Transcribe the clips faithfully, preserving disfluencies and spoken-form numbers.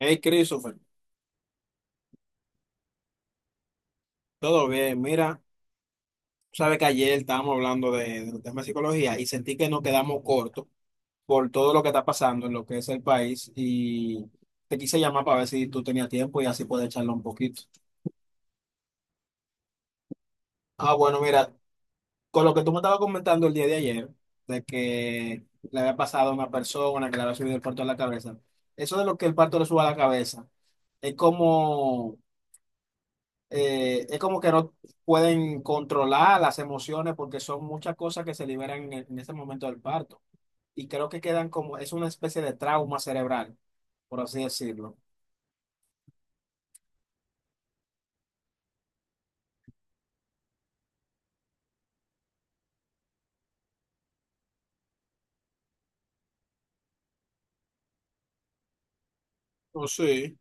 Hey, Christopher, todo bien. Mira, sabes que ayer estábamos hablando de, del tema de psicología y sentí que nos quedamos cortos por todo lo que está pasando en lo que es el país y te quise llamar para ver si tú tenías tiempo y así poder echarlo un poquito. Ah, bueno, mira, con lo que tú me estabas comentando el día de ayer, de que le había pasado a una persona que le había subido el parto a la cabeza, eso de lo que el parto le suba a la cabeza es como eh, es como que no pueden controlar las emociones porque son muchas cosas que se liberan en, el- en ese momento del parto. Y creo que quedan como, es una especie de trauma cerebral, por así decirlo. Oh, sí.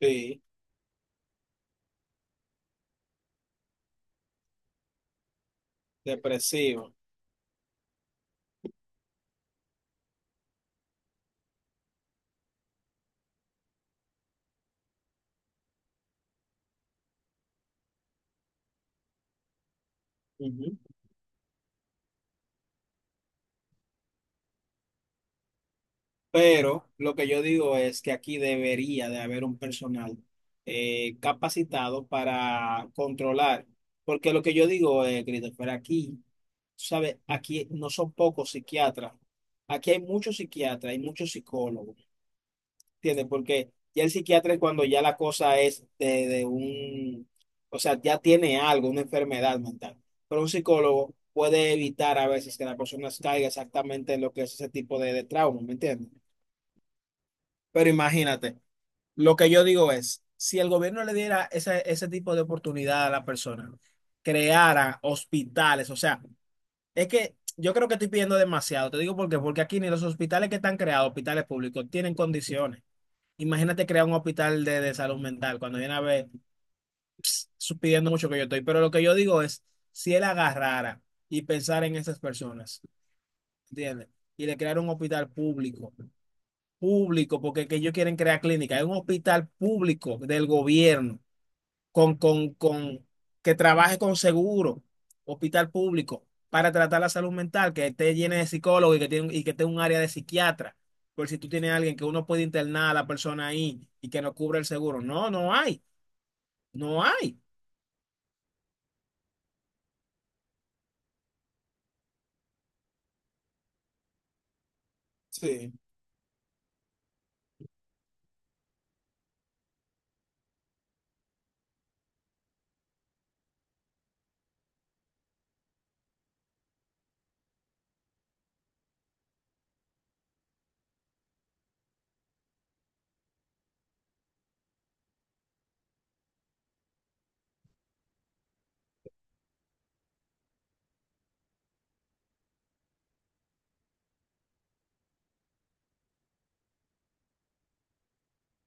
Sí, depresivo. Ujú. Pero lo que yo digo es que aquí debería de haber un personal eh, capacitado para controlar, porque lo que yo digo, eh, Christopher, aquí, ¿sabes? Aquí no son pocos psiquiatras, aquí hay muchos psiquiatras, hay muchos psicólogos, ¿entiendes? Porque ya el psiquiatra es cuando ya la cosa es de, de un, o sea, ya tiene algo, una enfermedad mental, pero un psicólogo puede evitar a veces que la persona caiga exactamente en lo que es ese tipo de, de trauma, ¿me entiendes? Pero imagínate, lo que yo digo es, si el gobierno le diera ese, ese tipo de oportunidad a la persona, creara hospitales, o sea, es que yo creo que estoy pidiendo demasiado, te digo por qué, porque aquí ni los hospitales que están creados, hospitales públicos, tienen condiciones. Imagínate crear un hospital de, de salud mental, cuando viene a ver, su- pidiendo mucho que yo estoy, pero lo que yo digo es, si él agarrara y pensara en esas personas, ¿entiendes? Y le creara un hospital público público, porque que ellos quieren crear clínica, es un hospital público del gobierno, con, con, con, que trabaje con seguro, hospital público, para tratar la salud mental, que esté lleno de psicólogos y que tiene, y que tenga un área de psiquiatra, por si tú tienes a alguien que uno puede internar a la persona ahí y que no cubra el seguro. No, no hay, no hay. Sí,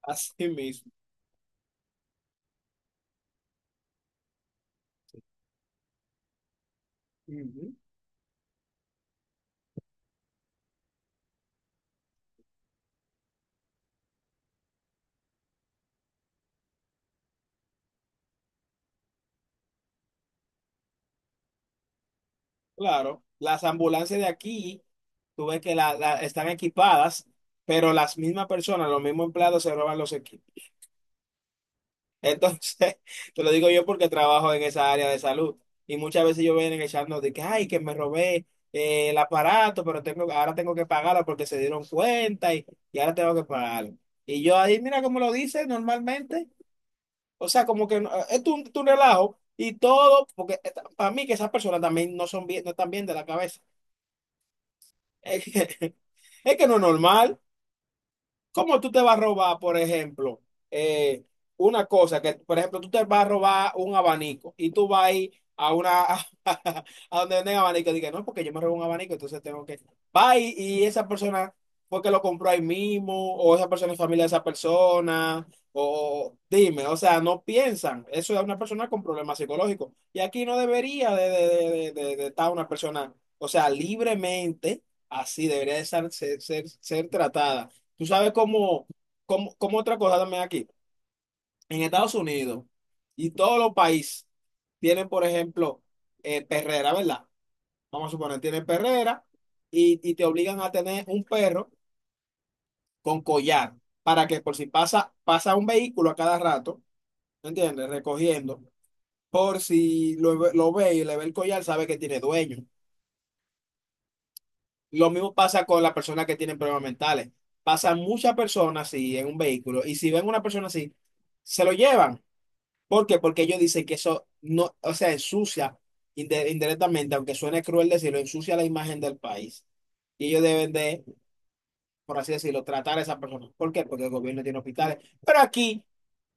así mismo. Ujú. Claro, las ambulancias de aquí, tú ves que la, la- están equipadas, pero las mismas personas, los mismos empleados se roban los equipos. Entonces, te lo digo yo porque trabajo en esa área de salud y muchas veces yo vienen echando de que, ay, que me robé eh, el aparato, pero tengo, ahora tengo que pagarlo porque se dieron cuenta y, y ahora tengo que pagarlo. Y yo ahí, mira cómo lo dice normalmente, o sea, como que no- es tu, tu relajo y todo, porque eh, para mí que esas personas también no son bien, no están bien de la cabeza. Es que, es que no es normal. ¿Cómo tú te vas a robar, por ejemplo, eh, una cosa que, por ejemplo, tú te vas a robar un abanico y tú vas a ir a una, a donde venden abanico y dices, no, porque yo me robé un abanico, entonces tengo que, va y, y esa persona fue que lo compró ahí mismo, o esa persona es familia de esa persona, o dime, o sea, no piensan, eso es una persona con problemas psicológicos. Y aquí no debería de, de- de- de- de de estar una persona, o sea, libremente, así debería de ser, ser, ser ser tratada. Tú sabes cómo, cómo, cómo otra cosa también aquí. En Estados Unidos y todos los países tienen, por ejemplo, eh, perrera, ¿verdad? Vamos a suponer, tienen perrera y, y te obligan a tener un perro con collar para que por si pasa, pasa un vehículo a cada rato, ¿me entiendes? Recogiendo. Por si lo, ve- lo ve y le ve el collar, sabe que tiene dueño. Lo mismo pasa con las personas que tienen problemas mentales. Pasan muchas personas así en un vehículo y si ven una persona así, se lo llevan. ¿Por qué? Porque ellos dicen que eso no, o sea, ensucia inde- indirectamente, aunque suene cruel decirlo, ensucia la imagen del país. Y ellos deben de, por así decirlo, tratar a esas personas. ¿Por qué? Porque el gobierno tiene hospitales. Pero aquí,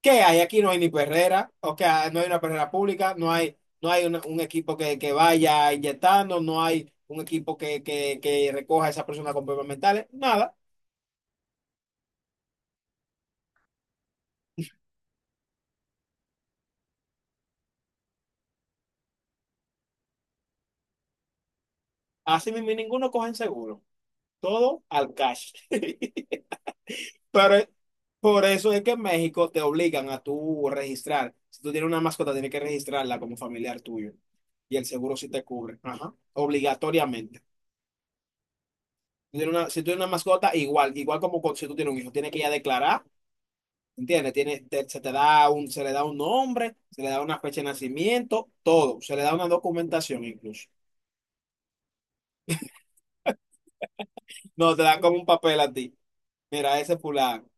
¿qué hay? Aquí no hay ni perrera, o sea, no hay una perrera pública, no hay, no hay una- un equipo que, que vaya inyectando, no hay un equipo que, que, que recoja a esas personas con problemas mentales, nada. Así mismo, y ninguno cogen seguro. Todo al cash. Pero es- por eso es que en México te obligan a tú registrar. Si tú tienes una mascota, tienes que registrarla como familiar tuyo. Y el seguro sí te cubre. Ajá. Obligatoriamente. Si tú tienes una, si tienes una mascota, igual, igual como con- si tú tienes un hijo, tienes que ir a declarar. ¿Entiendes? Tiene, te- se te da un, se le da un nombre, se le da una fecha de nacimiento, todo. Se le da una documentación incluso. No, te dan como un papel a ti. Mira, ese fulano.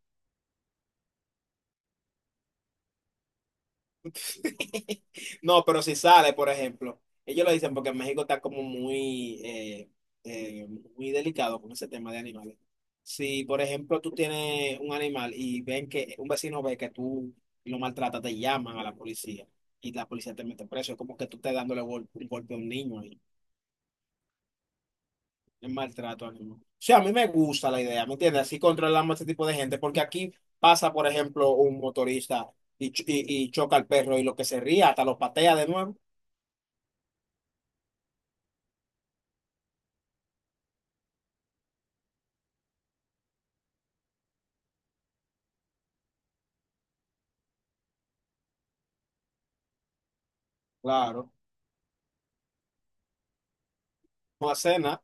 No, pero si sale, por ejemplo, ellos lo dicen porque en México está como muy, eh, eh, muy delicado con ese tema de animales. Si, por ejemplo, tú tienes un animal y ven que un vecino ve que tú lo maltratas, te llaman a la policía y la policía te mete preso. Es como que tú estás dándole gol- un golpe a un niño y es maltrato animal. O sea, a mí me gusta la idea, ¿me entiendes? Así controlamos a este tipo de gente porque aquí pasa, por ejemplo, un motorista y, ch- y y choca al perro y lo que se ría hasta lo patea de nuevo. Claro, no hace nada.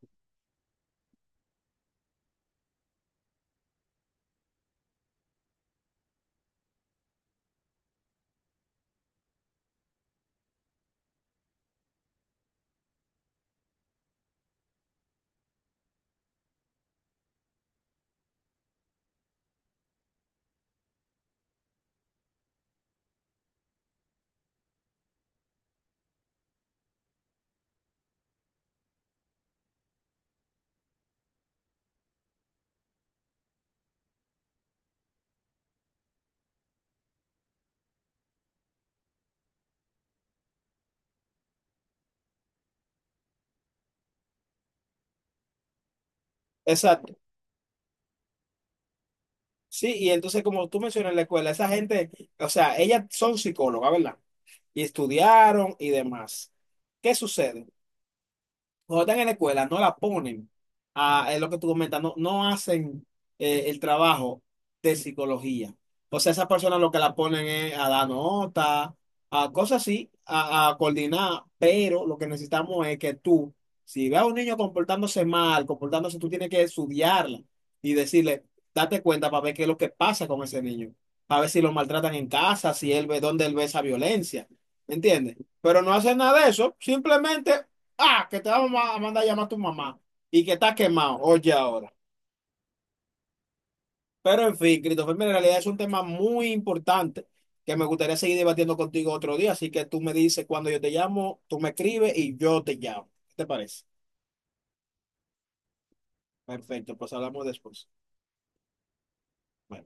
Exacto. Sí, y entonces como tú mencionas en la escuela, esa gente, o sea, ellas son psicólogas, ¿verdad? Y estudiaron y demás. ¿Qué sucede? Cuando están en la escuela, no la ponen a, es lo que tú comentas, no, no hacen eh, el trabajo de psicología. O sea, esas personas lo que la ponen es a dar nota, a cosas así, a, a coordinar, pero lo que necesitamos es que tú, si ves a un niño comportándose mal, comportándose, tú tienes que estudiarla y decirle, date cuenta para ver qué es lo que pasa con ese niño, para ver si lo maltratan en casa, si él ve dónde él ve esa violencia, ¿me entiendes? Pero no hacen nada de eso, simplemente ah, que te vamos a mandar a llamar a tu mamá y que está quemado. Oye, ahora. Pero en fin, Christopher, mira, en realidad es un tema muy importante que me gustaría seguir debatiendo contigo otro día. Así que tú me dices cuando yo te llamo, tú me escribes y yo te llamo. ¿Qué te parece? Perfecto, pues hablamos después. Bye.